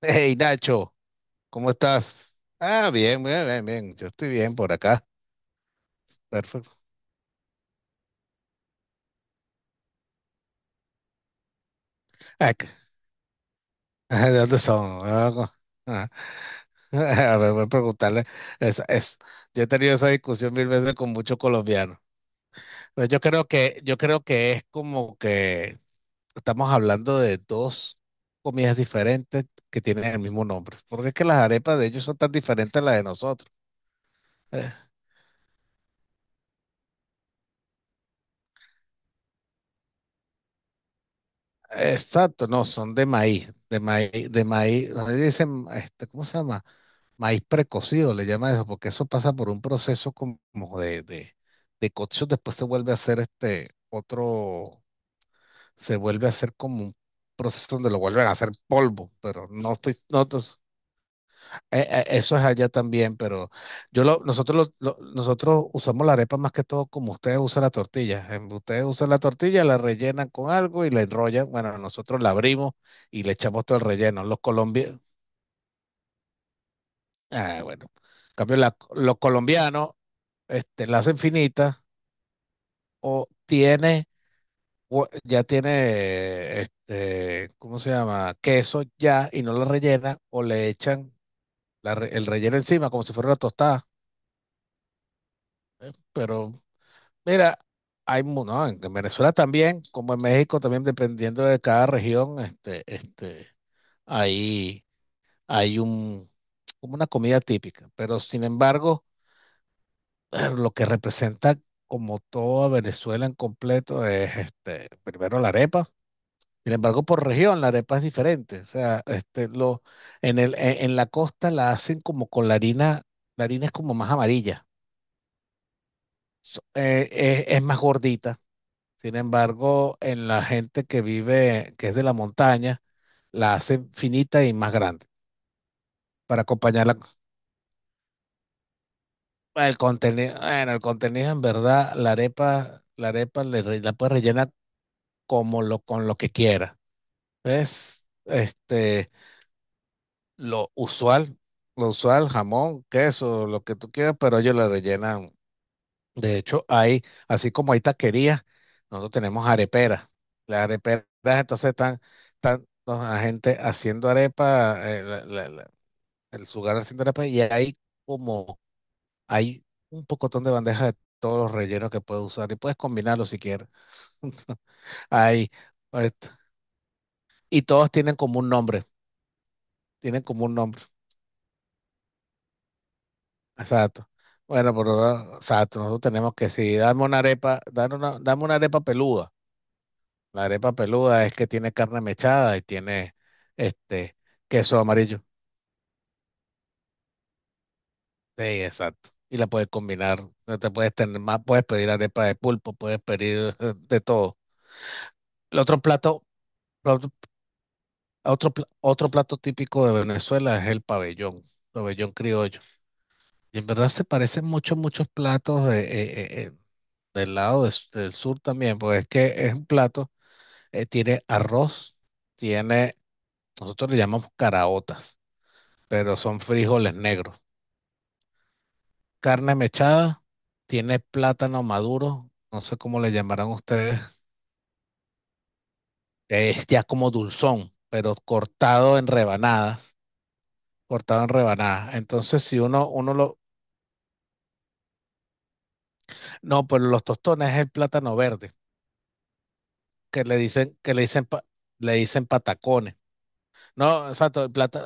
Hey Nacho, ¿cómo estás? Ah, bien, bien, bien, bien. Yo estoy bien por acá. Perfecto. Ah, ah, ¿De dónde son? Ah, no. Ah, a ver, voy a preguntarle. Es, es- yo he tenido esa discusión mil veces con muchos colombianos. Pero yo creo que es como que estamos hablando de dos comidas diferentes que tienen el mismo nombre. Porque es que las arepas de ellos son tan diferentes a las de nosotros. Eh, Exacto, no, son de maíz, de maíz, de maíz, donde dicen, este, ¿cómo se llama? Maíz precocido le llama eso, porque eso pasa por un proceso como de, de, de cocción, después se vuelve a hacer este otro, se vuelve a hacer como un proceso donde lo vuelven a hacer polvo, pero no estoy, no, eso es allá también, pero yo lo- nosotros usamos la arepa más que todo como ustedes usan la tortilla. Ustedes usan la tortilla, la rellenan con algo y la enrollan. Bueno, nosotros la abrimos y le echamos todo el relleno. Los colombianos, ah, bueno. En cambio, los colombianos, este, enlace infinita, o tiene, ya tiene, este, ¿cómo se llama? Queso ya, y no la rellena, o le echan el relleno encima como si fuera una tostada. Pero mira, hay, no, en Venezuela también, como en México también, dependiendo de cada región, este, ahí hay un, como una comida típica. Pero sin embargo, lo que representa como toda Venezuela en completo es, este, primero la arepa. Sin embargo, por región la arepa es diferente. O sea, este, en la costa la hacen como con la harina es como más amarilla. Es más gordita. Sin embargo, en la gente que vive, que es de la montaña, la hacen finita y más grande para acompañarla. El contenido, bueno, el contenido en verdad, la arepa, la arepa la puedes rellenar con lo que quiera. ¿Ves? Este lo usual, lo usual, jamón, queso, lo que tú quieras, pero ellos la rellenan. De hecho, hay, así como hay taquerías, nosotros tenemos areperas. Las areperas entonces están la gente haciendo arepa, el lugar haciendo arepa, y como, hay un pocotón de bandejas de todos los rellenos que puedes usar y puedes combinarlos si quieres. Hay, este, y todos tienen como un nombre, tienen como un nombre. Exacto. Bueno, pero ah, exacto, nosotros tenemos que si damos una arepa, dame una arepa peluda. La arepa peluda es que tiene carne mechada y tiene este queso amarillo. Sí, exacto. Y la puedes combinar. No te puedes tener más, puedes pedir arepa de pulpo, puedes pedir de todo. El otro plato, otro, otro plato típico de Venezuela es el pabellón, pabellón criollo. Y en verdad se parecen mucho, muchos platos de, del lado de- s- del sur también, porque es que es un plato, tiene arroz, tiene, nosotros le llamamos caraotas, pero son frijoles negros. Carne mechada, tiene plátano maduro, no sé cómo le llamarán ustedes, es ya como dulzón, pero cortado en rebanadas, cortado en rebanadas. Entonces, si uno, uno lo, no, pero los tostones es el plátano verde, que le dicen, pa- le dicen patacones. No, exacto, el plátano,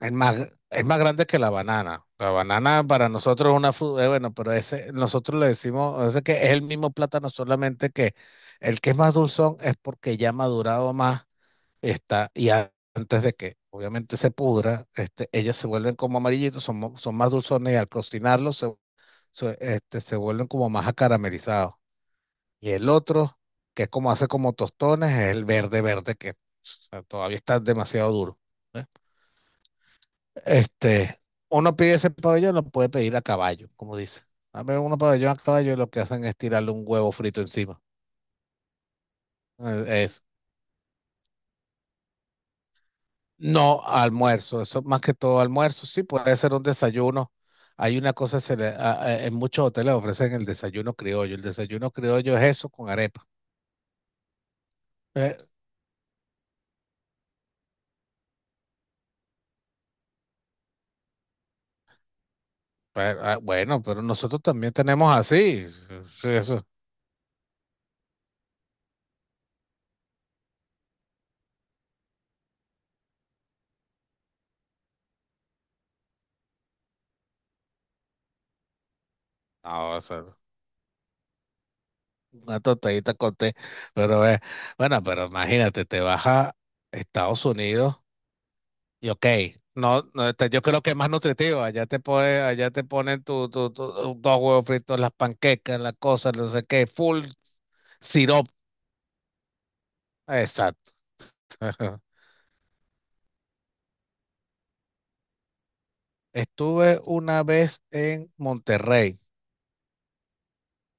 Es más, es más grande que la banana. La banana para nosotros es una fruta, bueno, pero ese, nosotros le decimos, ese que es el mismo plátano, solamente que el que es más dulzón es porque ya ha madurado más, está, y antes de que obviamente se pudra, este, ellos se vuelven como amarillitos, son más dulzones y al cocinarlos se vuelven como más acaramelizados. Y el otro, que es como hace como tostones, es el verde verde que, o sea, todavía está demasiado duro. ¿Eh? Este, uno pide ese pabellón, lo puede pedir a caballo, como dice. Dame uno pabellón a caballo y lo que hacen es tirarle un huevo frito encima. Es no almuerzo, eso más que todo almuerzo, sí, puede ser un desayuno. Hay una cosa, se le- a- en muchos hoteles ofrecen el desayuno criollo. El desayuno criollo es eso con arepa. Eh, pero, ah, bueno, pero nosotros también tenemos así. Sí, eso. No, eso, una tostadita con té. Pero bueno, pero imagínate, te vas a Estados Unidos. Y ok, no, no, este, yo creo que es más nutritivo. Allá te pone, allá te ponen dos huevos fritos, las panquecas, las cosas, no sé qué, full sirop. Exacto. Estuve una vez en Monterrey.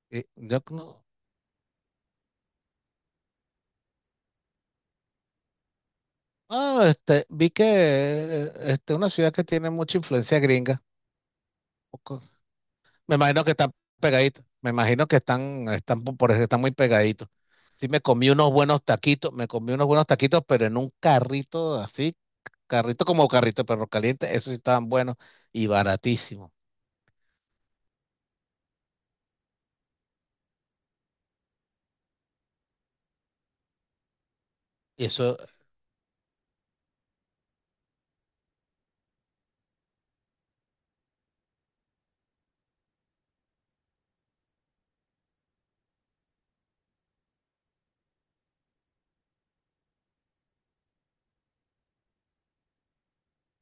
Y yo no- ah, este, vi que este, una ciudad que tiene mucha influencia gringa. Me imagino que están pegaditos. Me imagino que por eso están muy pegaditos. Sí, me comí unos buenos taquitos, me comí unos buenos taquitos, pero en un carrito así, carrito como carrito de perro caliente, esos sí estaban buenos y baratísimos. Y eso,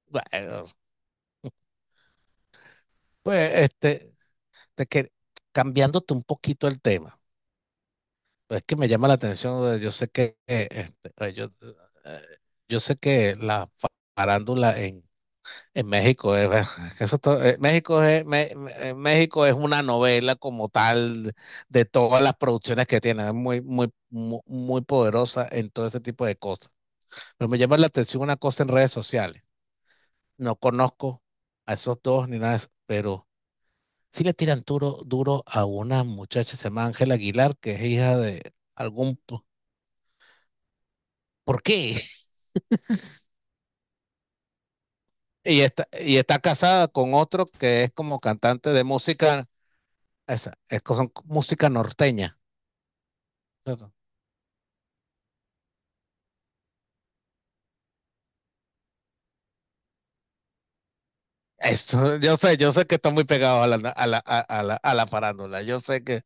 bueno, pues, este, te que, cambiándote un poquito el tema, pues es que me llama la atención, yo sé que, eh, yo sé que la farándula en México es. Eso to- México es, Me- Me- México es una novela como tal de todas las producciones que tiene, es muy, muy, muy, poderosa en todo ese tipo de cosas. Pero me llama la atención una cosa en redes sociales. No conozco a esos dos ni nada de eso, pero sí le tiran duro, duro a una muchacha, se llama Ángela Aguilar, que es hija de algún. ¿Por qué? Y está casada con otro que es como cantante de música, esa, es, que son música norteña. Claro. Esto, yo sé que está muy pegado a la, a la farándula. Yo sé que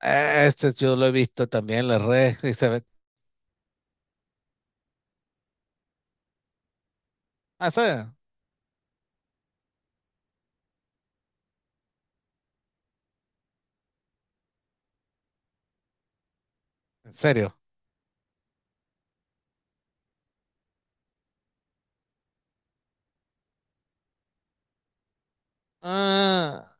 este yo lo he visto también en las redes y se ve. Ah, ¿sí? ¿En serio? Ah,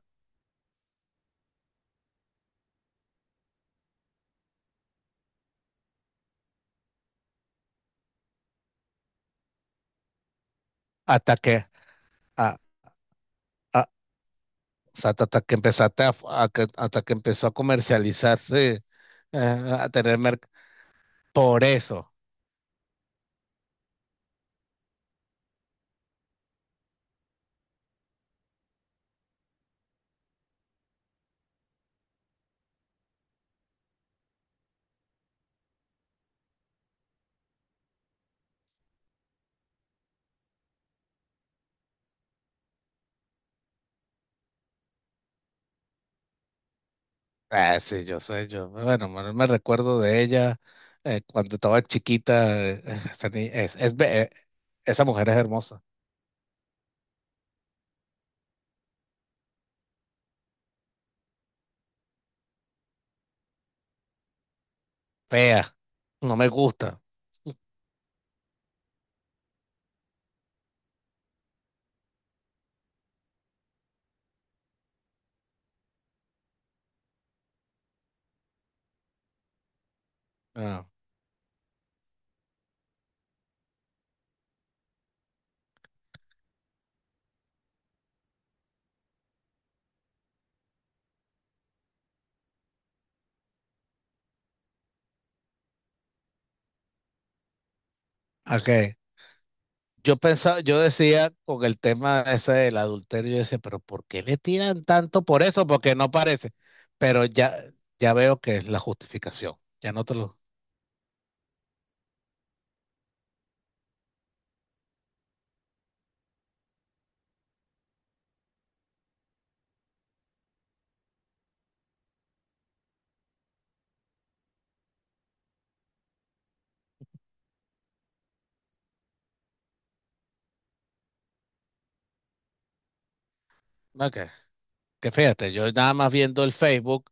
hasta que, a, a, o sea, hasta que empezaste hasta que empezó a comercializarse, eh, a tener merc-. Por eso. Ah, sí, yo sé, bueno, me recuerdo de ella cuando estaba chiquita. Esa ni- es be- Esa mujer es hermosa. Fea, no me gusta. Ah, ok. Yo pensaba, yo decía con el tema ese del adulterio, yo decía, pero ¿por qué le tiran tanto por eso? Porque no parece. Pero ya, ya veo que es la justificación. Ya no te lo. Ok. Que fíjate, yo nada más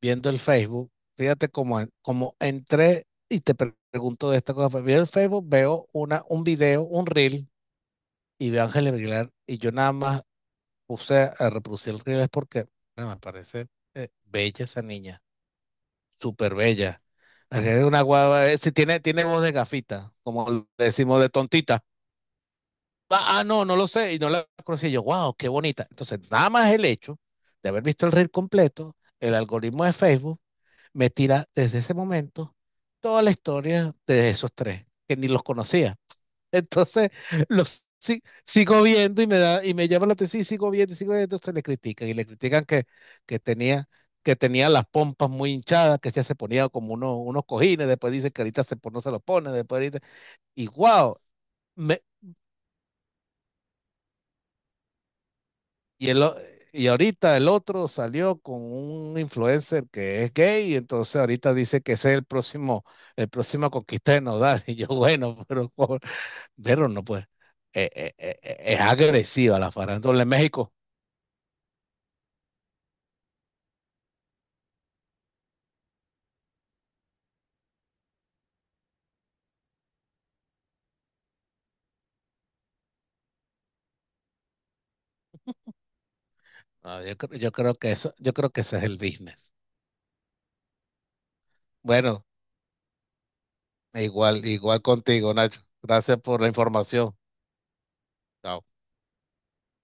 viendo el Facebook, fíjate cómo, cómo entré y te pregunto de esta cosa. Pero veo el Facebook, veo un video, un reel, y veo a Ángel Aguilar, y yo nada más puse a, reproducir el reel es porque bueno, me parece bella esa niña, súper bella. Es una guava, sí, tiene voz de gafita, como le decimos de tontita. Ah, ah, no, no lo sé, y no la conocí. Yo, wow, qué bonita. Entonces, nada más el hecho de haber visto el reel completo, el algoritmo de Facebook me tira desde ese momento toda la historia de esos tres, que ni los conocía. Entonces, los sigo viendo y me da, y me llama la atención y sigo viendo, entonces le critican y le critican que tenía, que tenía las pompas muy hinchadas, que ya se ponía como unos cojines, después dice que ahorita no se los pone, después ahorita, y wow, me, y el o- y ahorita el otro salió con un influencer que es gay, y entonces ahorita dice que ese es el próximo conquista de Nodal, y yo, bueno, pero, pero no pues, es agresiva la farándula en México. No, yo creo que ese es el business. Bueno, igual, igual contigo, Nacho. Gracias por la información. Chao.